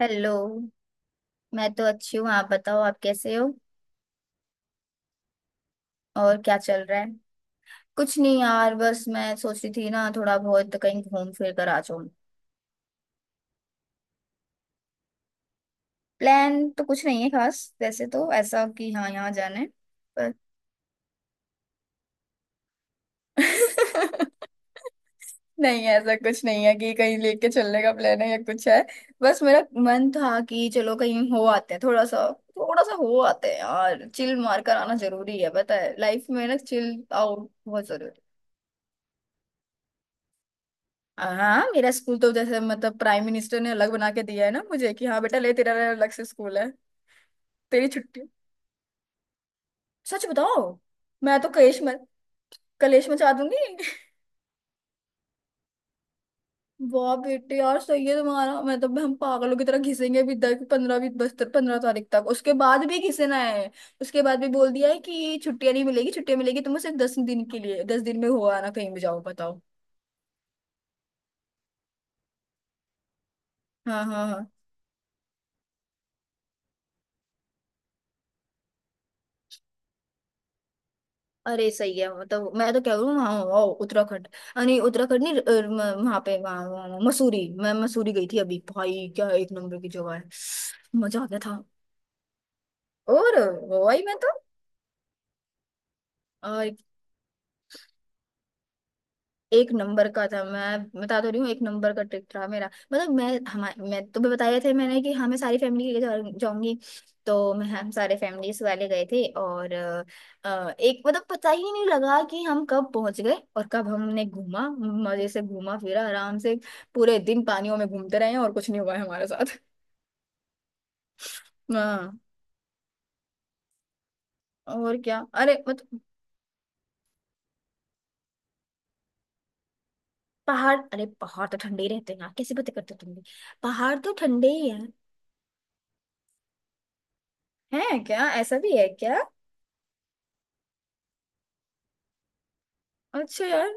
Hello. मैं तो अच्छी हूँ, आप बताओ आप कैसे हो। और क्या चल रहा है? कुछ नहीं यार, बस मैं सोच रही थी ना थोड़ा बहुत कहीं घूम फिर कर आ जाऊँ। प्लान तो कुछ नहीं है खास, वैसे तो ऐसा कि हाँ यहाँ जाना है। पर नहीं, ऐसा कुछ नहीं है कि कहीं लेके चलने का प्लान है या कुछ है। बस मेरा मन था कि चलो कहीं हो आते हैं थोड़ा सा। थोड़ा सा हो आते हैं यार, चिल मार कर आना जरूरी है, पता है लाइफ में ना चिल आउट बहुत जरूरी है। हाँ, मेरा स्कूल तो जैसे मतलब प्राइम मिनिस्टर ने अलग बना के दिया है ना मुझे कि हाँ बेटा ले तेरा अलग से स्कूल है, तेरी छुट्टी। सच बताओ। मैं तो कलेश मच, कलेश मचा दूंगी। वाह बेटे यार सही है तुम्हारा। मैं तो हम पागलों की तरह घिसेंगे भी, 10 15 भी, बस 15 तारीख तक, उसके बाद भी घिसना है। उसके बाद भी बोल दिया है कि छुट्टियां नहीं मिलेगी, छुट्टियां मिलेगी तुम्हें सिर्फ 10 दिन के लिए, 10 दिन में हो आना कहीं भी जाओ बताओ। हाँ, हाँ, हाँ। अरे सही है, मतलब मैं तो कह रही हूँ वहाँ वहाँ उत्तराखंड, नहीं उत्तराखंड नहीं, वहाँ पे वहाँ वहाँ- मसूरी। मैं मसूरी गई थी अभी भाई, क्या एक नंबर की जगह है। मजा आ गया था। और वही मैं तो। और एक नंबर का था, मैं बता तो रही हूँ, एक नंबर का ट्रिप था मेरा। मतलब मैं तुम्हें बताया था मैंने कि हाँ मैं सारी फैमिली के लिए जाऊंगी। तो मैं हम सारे फैमिलीज वाले गए थे, और एक मतलब पता ही नहीं लगा कि हम कब पहुंच गए और कब हमने घूमा, मजे से घूमा फिरा आराम से। पूरे दिन पानियों में घूमते रहे हैं और कुछ नहीं हुआ है हमारे साथ। हाँ। और क्या अरे मतलब, पहाड़ अरे पहाड़ तो ठंडे ही रहते हैं ना, कैसी बातें करते हो तुम भी। पहाड़ तो ठंडे ही हैं। हैं, क्या ऐसा भी है क्या? अच्छा यार।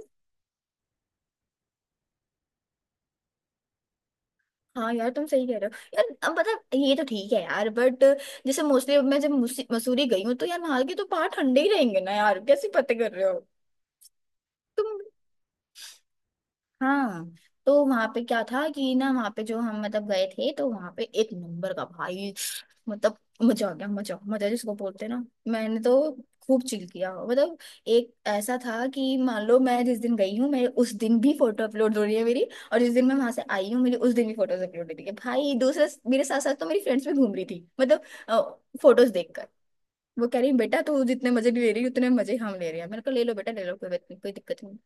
हाँ यार तुम सही कह रहे हो यार, अब मतलब ये तो ठीक है यार, बट जैसे मोस्टली मैं जब मसूरी गई हूँ तो यार वहां के तो पहाड़ ठंडे ही रहेंगे ना यार, कैसी बातें कर रहे हो तुम? हाँ। तो वहां पे क्या था कि ना, वहां पे जो हम मतलब गए थे तो वहां पे एक नंबर का भाई, मतलब मजा आ गया, मजा मजा जिसको बोलते हैं ना। मैंने तो खूब चिल किया मतलब। एक ऐसा था कि मान लो मैं जिस दिन गई हूँ, मेरे उस दिन भी फोटो अपलोड हो रही है मेरी, और जिस दिन मैं वहां से आई हूँ मेरी उस दिन भी फोटोज अपलोड हो रही है भाई। दूसरा, मेरे साथ साथ तो मेरी फ्रेंड्स भी घूम रही थी मतलब, फोटोज देखकर। वो कह रही, बेटा तू जितने मजे ले रही है, उतने मजे हम ले रहे हैं, मेरे को ले लो बेटा, ले लो, कोई बात नहीं, कोई दिक्कत नहीं।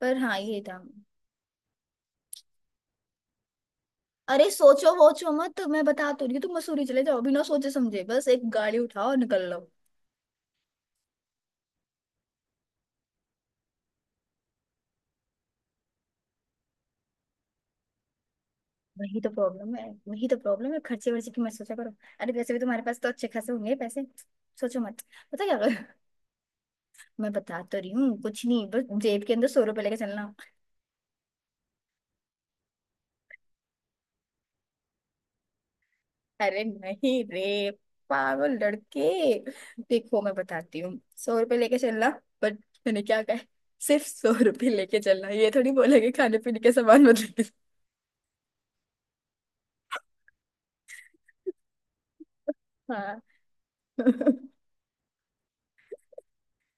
पर हाँ, ये था। अरे सोचो वोचो मत, मैं बता तो रही हूँ, तुम मसूरी चले जाओ बिना सोचे समझे, बस एक गाड़ी उठाओ और निकल लो। वही तो प्रॉब्लम है खर्चे वर्चे की मत सोचा करो। अरे वैसे भी तुम्हारे पास तो अच्छे खासे होंगे पैसे, सोचो मत। पता क्या करो। मैं बता तो रही हूँ कुछ नहीं, बस जेब के अंदर 100 रुपए लेके चलना। अरे नहीं रे पागल लड़के, देखो मैं बताती हूँ, 100 रुपए लेके चलना, बट मैंने क्या कहा है? सिर्फ 100 रुपए लेके चलना, ये थोड़ी बोला कि खाने पीने के सामान मत लेके। हाँ।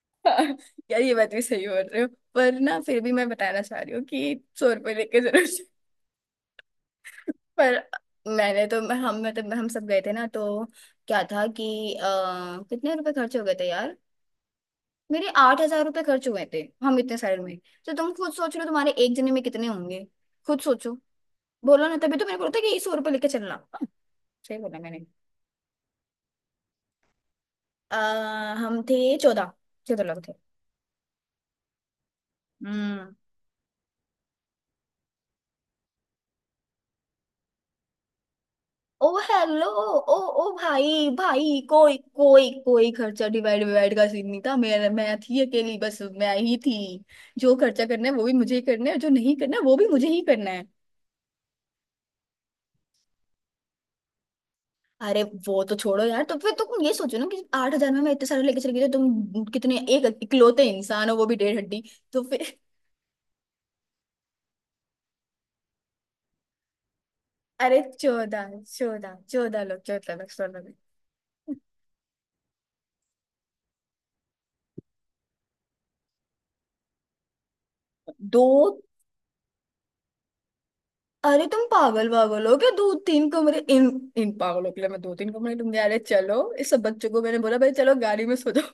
हाँ, यार ये बात भी सही बोल रहे हो। पर ना फिर भी मैं बताना चाह रही हूँ कि 100 रुपये लेके जरूर से- पर मैंने तो, हम मतलब हम सब गए थे ना, तो क्या था कि कितने रुपए खर्च हो गए थे यार। मेरे 8,000 रुपये खर्च हुए थे, हम इतने सारे में। तो तुम खुद सोच रहे हो तुम्हारे एक जने में कितने होंगे। खुद सोचो, बोलो ना, तभी तो मैंने बोला था कि 100 रुपये लेके चलना। हाँ, सही बोला मैंने। आ, हम थे 14, चौदह लोग थे। हम्म। ओ हेलो। ओ। ओ भाई भाई, कोई कोई कोई खर्चा डिवाइड डिवाइड का सीन नहीं था, मैं थी अकेली, बस मैं ही थी। जो खर्चा करना है वो भी मुझे ही करना है, और जो नहीं करना है वो भी मुझे ही करना है। अरे वो तो छोड़ो यार, तो फिर तुम ये सोचो ना कि 8,000 में मैं इतने सारे लेके चली गई, तो तुम कितने, एक इकलौते इंसान हो वो भी डेढ़ हड्डी। तो फिर। अरे 14, चौदह चौदह लोग, चौदह लोग, चौदह लोग। दो। अरे तुम पागल पागल हो क्या, दो तीन कमरे इन, इन पागलों के लिए मैं दो तीन कमरे, तुम, अरे चलो इस सब बच्चों को मैंने बोला भाई चलो गाड़ी में सो जाओ।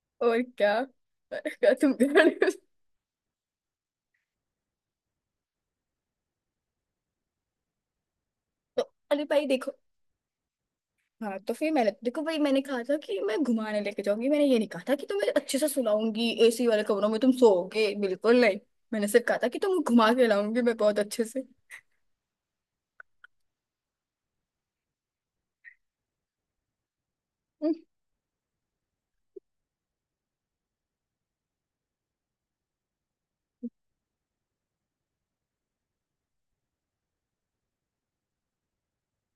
और क्या। अरे क्या तुम गाड़ी में सो। तो अरे भाई देखो, हाँ तो फिर मैंने देखो भाई मैंने कहा था कि मैं घुमाने लेके जाऊंगी, मैंने ये नहीं कहा था कि तुम्हें अच्छे से सुलाऊंगी एसी वाले कमरों में तुम सोओगे, बिल्कुल नहीं। मैंने सिर्फ कहा था कि तुम घुमा के लाऊंगी मैं बहुत अच्छे से।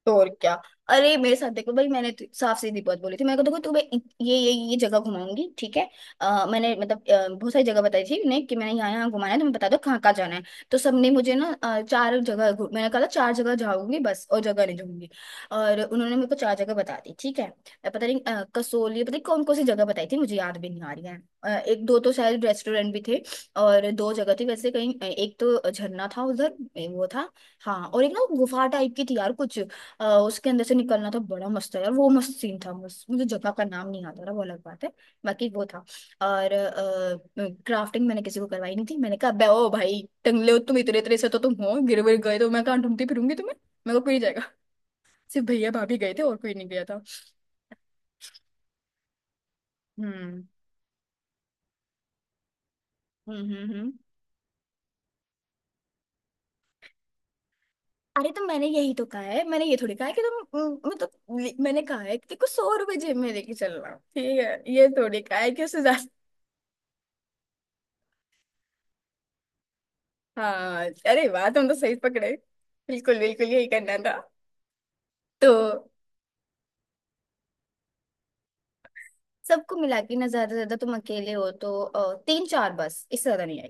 तो और क्या। अरे मेरे साथ देखो भाई, मैंने तो साफ सीधी बात बोली थी, मैंने कहा देखो तुम्हें ये जगह घुमाऊंगी ठीक है। मैंने मतलब बहुत सारी जगह बताई थी उन्हें कि मैंने यहाँ यहाँ घुमाना है, तुम्हें बता दो कहाँ कहाँ जाना है। तो सबने मुझे ना चार जगह मैंने कहा था चार जगह जाऊंगी बस, और जगह नहीं जाऊंगी, और उन्होंने मेरे को चार जगह बता दी ठीक है। पता नहीं कसोली, पता नहीं कौन कौन सी जगह बताई थी, मुझे याद भी नहीं आ रही है। एक दो तो शायद रेस्टोरेंट भी थे, और दो जगह थी वैसे कहीं, एक तो झरना था उधर, वो था। हाँ, और एक ना गुफा टाइप की थी यार कुछ, उसके अंदर से निकलना था, बड़ा मस्त था यार, वो मस्त सीन था मस्त, मुझे जगह का नाम नहीं याद आ रहा वो अलग बात है। बाकी वो था। और क्राफ्टिंग मैंने किसी को करवाई नहीं थी, मैंने कहा बे, ओ भाई टंगले हो तुम, इतने इतने से तो तुम हो, गिर गिर गए तो मैं कहाँ ढूंढती फिरूंगी तुम्हें, मेरे को कोई नहीं जाएगा। सिर्फ भैया भाभी गए थे और कोई नहीं गया था। हम्म हम्म। अरे तो मैंने यही तो कहा है, मैंने ये थोड़ी कहा है कि तुम, मतलब मैंने कहा है कि देखो 100 रुपए जेब में लेके चलना ठीक है, ये थोड़ी कहा है कि उससे ज्यादा। हाँ। अरे वाह, तुम तो सही पकड़े, बिल्कुल बिल्कुल यही करना था। तो सबको मिला के ना ज्यादा से ज्यादा, तुम अकेले हो तो तीन चार, बस इससे ज्यादा नहीं,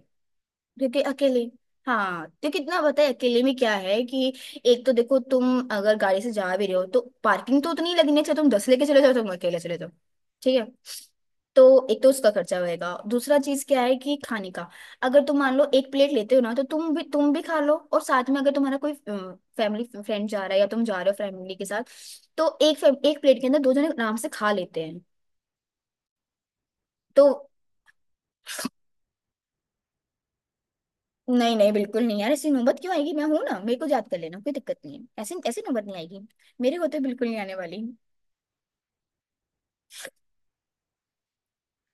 क्योंकि अकेले। हाँ, तो कितना पता है अकेले में क्या है कि, एक तो देखो तुम अगर गाड़ी से जा भी रहे हो तो पार्किंग तो उतनी लगनी चाहिए, तुम दस लेके चले जाओ, तुम अकेले चले जाओ ठीक है। तो एक तो उसका खर्चा होएगा, दूसरा चीज क्या है कि खाने का, अगर तुम मान लो एक प्लेट लेते हो ना तो तुम भी खा लो और साथ में अगर तुम्हारा कोई फैमिली फ्रेंड जा रहा है या तुम जा रहे हो फैमिली के साथ, तो एक प्लेट के अंदर दो जने आराम से खा लेते हैं। तो नहीं नहीं, बिल्कुल नहीं यार, ऐसी नौबत क्यों आएगी, मैं हूं ना, मेरे को याद कर लेना कोई दिक्कत नहीं है, ऐसी ऐसी नौबत नहीं आएगी, मेरे को तो बिल्कुल नहीं आने वाली।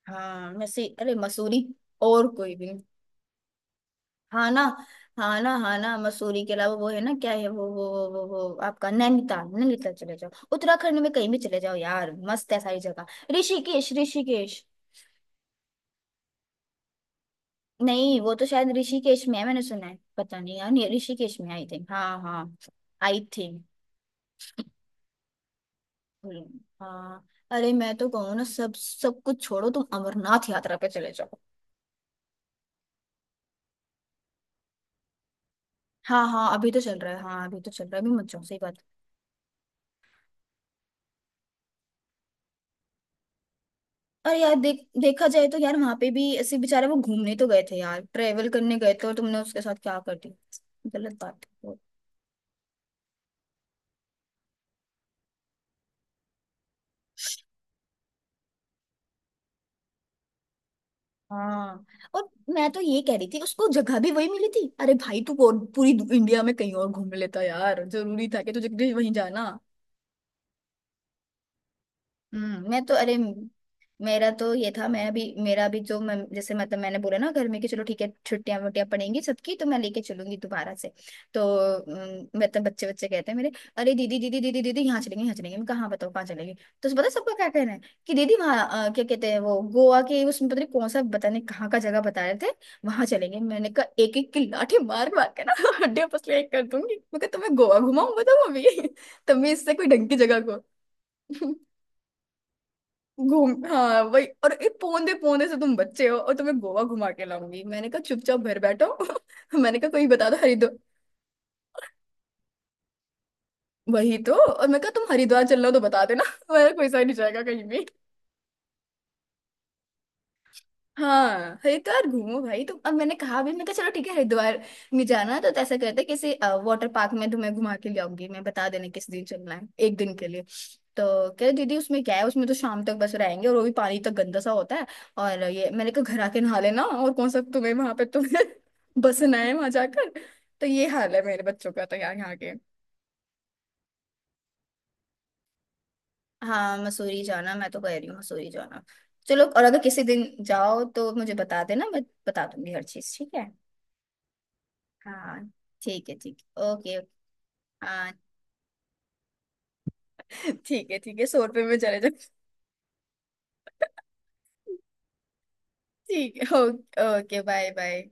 हाँ वैसे, अरे मसूरी, और कोई भी। हाँ ना, हाँ ना, हाँ ना, मसूरी के अलावा वो है ना क्या है वो, वो आपका नैनीताल, नैनीताल चले जाओ, उत्तराखंड में कहीं भी चले जाओ यार, मस्त है सारी जगह। ऋषिकेश ऋषिकेश। नहीं वो तो शायद ऋषिकेश में है, मैंने सुना है पता नहीं यार, नहीं, ऋषिकेश में आई थिंक, हाँ हाँ, आई थिंक। हाँ, अरे मैं तो कहूँ ना सब सब कुछ छोड़ो, तुम अमरनाथ यात्रा पे चले जाओ। हाँ हाँ, अभी तो चल रहा है, हाँ अभी तो चल रहा है, अभी मत जाओ, सही बात। अरे यार देख, देखा जाए तो यार वहां पे भी ऐसे बेचारे वो घूमने तो गए थे यार, ट्रेवल करने गए थे, और तुमने उसके साथ क्या कर दिया, गलत बात है वो। हाँ। और मैं तो ये कह रही थी उसको, जगह भी वही मिली थी, अरे भाई तू और पूरी इंडिया में कहीं और घूम लेता यार, जरूरी था कि तुझे वहीं जाना। मैं तो अरे, मेरा तो ये था, मैं भी मेरा भी जो मैं जैसे मतलब मैंने बोला ना घर में कि चलो ठीक है, छुट्टियां वुट्टियां पड़ेंगी सबकी तो मैं लेके चलूंगी दोबारा से। तो मतलब बच्चे बच्चे कहते हैं मेरे, अरे दीदी दीदी, यहाँ चलेंगे यहाँ चलेंगे, मैं कहाँ, बताओ कहाँ चलेंगे। तो पता है सबका क्या कहना है कि दीदी वहाँ, क्या कहते हैं वो गोवा के उसमें, पता नहीं कौन सा बताने कहाँ का जगह बता रहे थे, वहां चलेंगे। मैंने कहा एक एक की लाठी मार मार के ना हड्डियां पसलियाँ एक कर दूंगी, मैं कहा तुम्हें गोवा घुमाऊं बताओ अभी। तब भी इससे कोई ढंग की जगह को। घूम, हाँ वही, और ये पौंदे पौंदे से तुम बच्चे हो और तुम्हें गोवा घुमा के लाऊंगी, मैंने कहा चुपचाप घर बैठो। मैंने कहा कोई बता दो हरिद्वार। वही तो, और मैं कहा तुम हरिद्वार चल रहे हो तो बता देना। मेरा कोई सा नहीं जाएगा कहीं भी। हाँ, हरिद्वार घूमो भाई, तो अब मैंने कहा भी, मैं कहा चलो ठीक है हरिद्वार में जाना है, तो ऐसा करते हैं किसी वाटर पार्क में तुम्हें घुमा के ले आऊंगी, मैं बता देना किस दिन चलना है एक दिन के लिए। तो कह रहे, दीदी उसमें क्या है, उसमें तो शाम तक बस रहेंगे और वो भी पानी तक गंदा सा होता है, और ये मैंने कहा घर आके नहा लेना, और कौन सा तुम्हें वहां पे तुम्हें बसना है वहां जाकर। तो ये हाल है मेरे बच्चों का, तो यहाँ यहाँ के। हाँ मसूरी जाना, मैं तो कह रही हूँ मसूरी जाना। चलो, और अगर किसी दिन जाओ तो मुझे बता देना, मैं बता दूंगी हर चीज, ठीक है। हाँ, ठीक है ठीक है, ओके ओके। हाँ। ठीक है ठीक है, 100 रुपये में चले जाओ। ठीक है, ओके ओके, बाय बाय।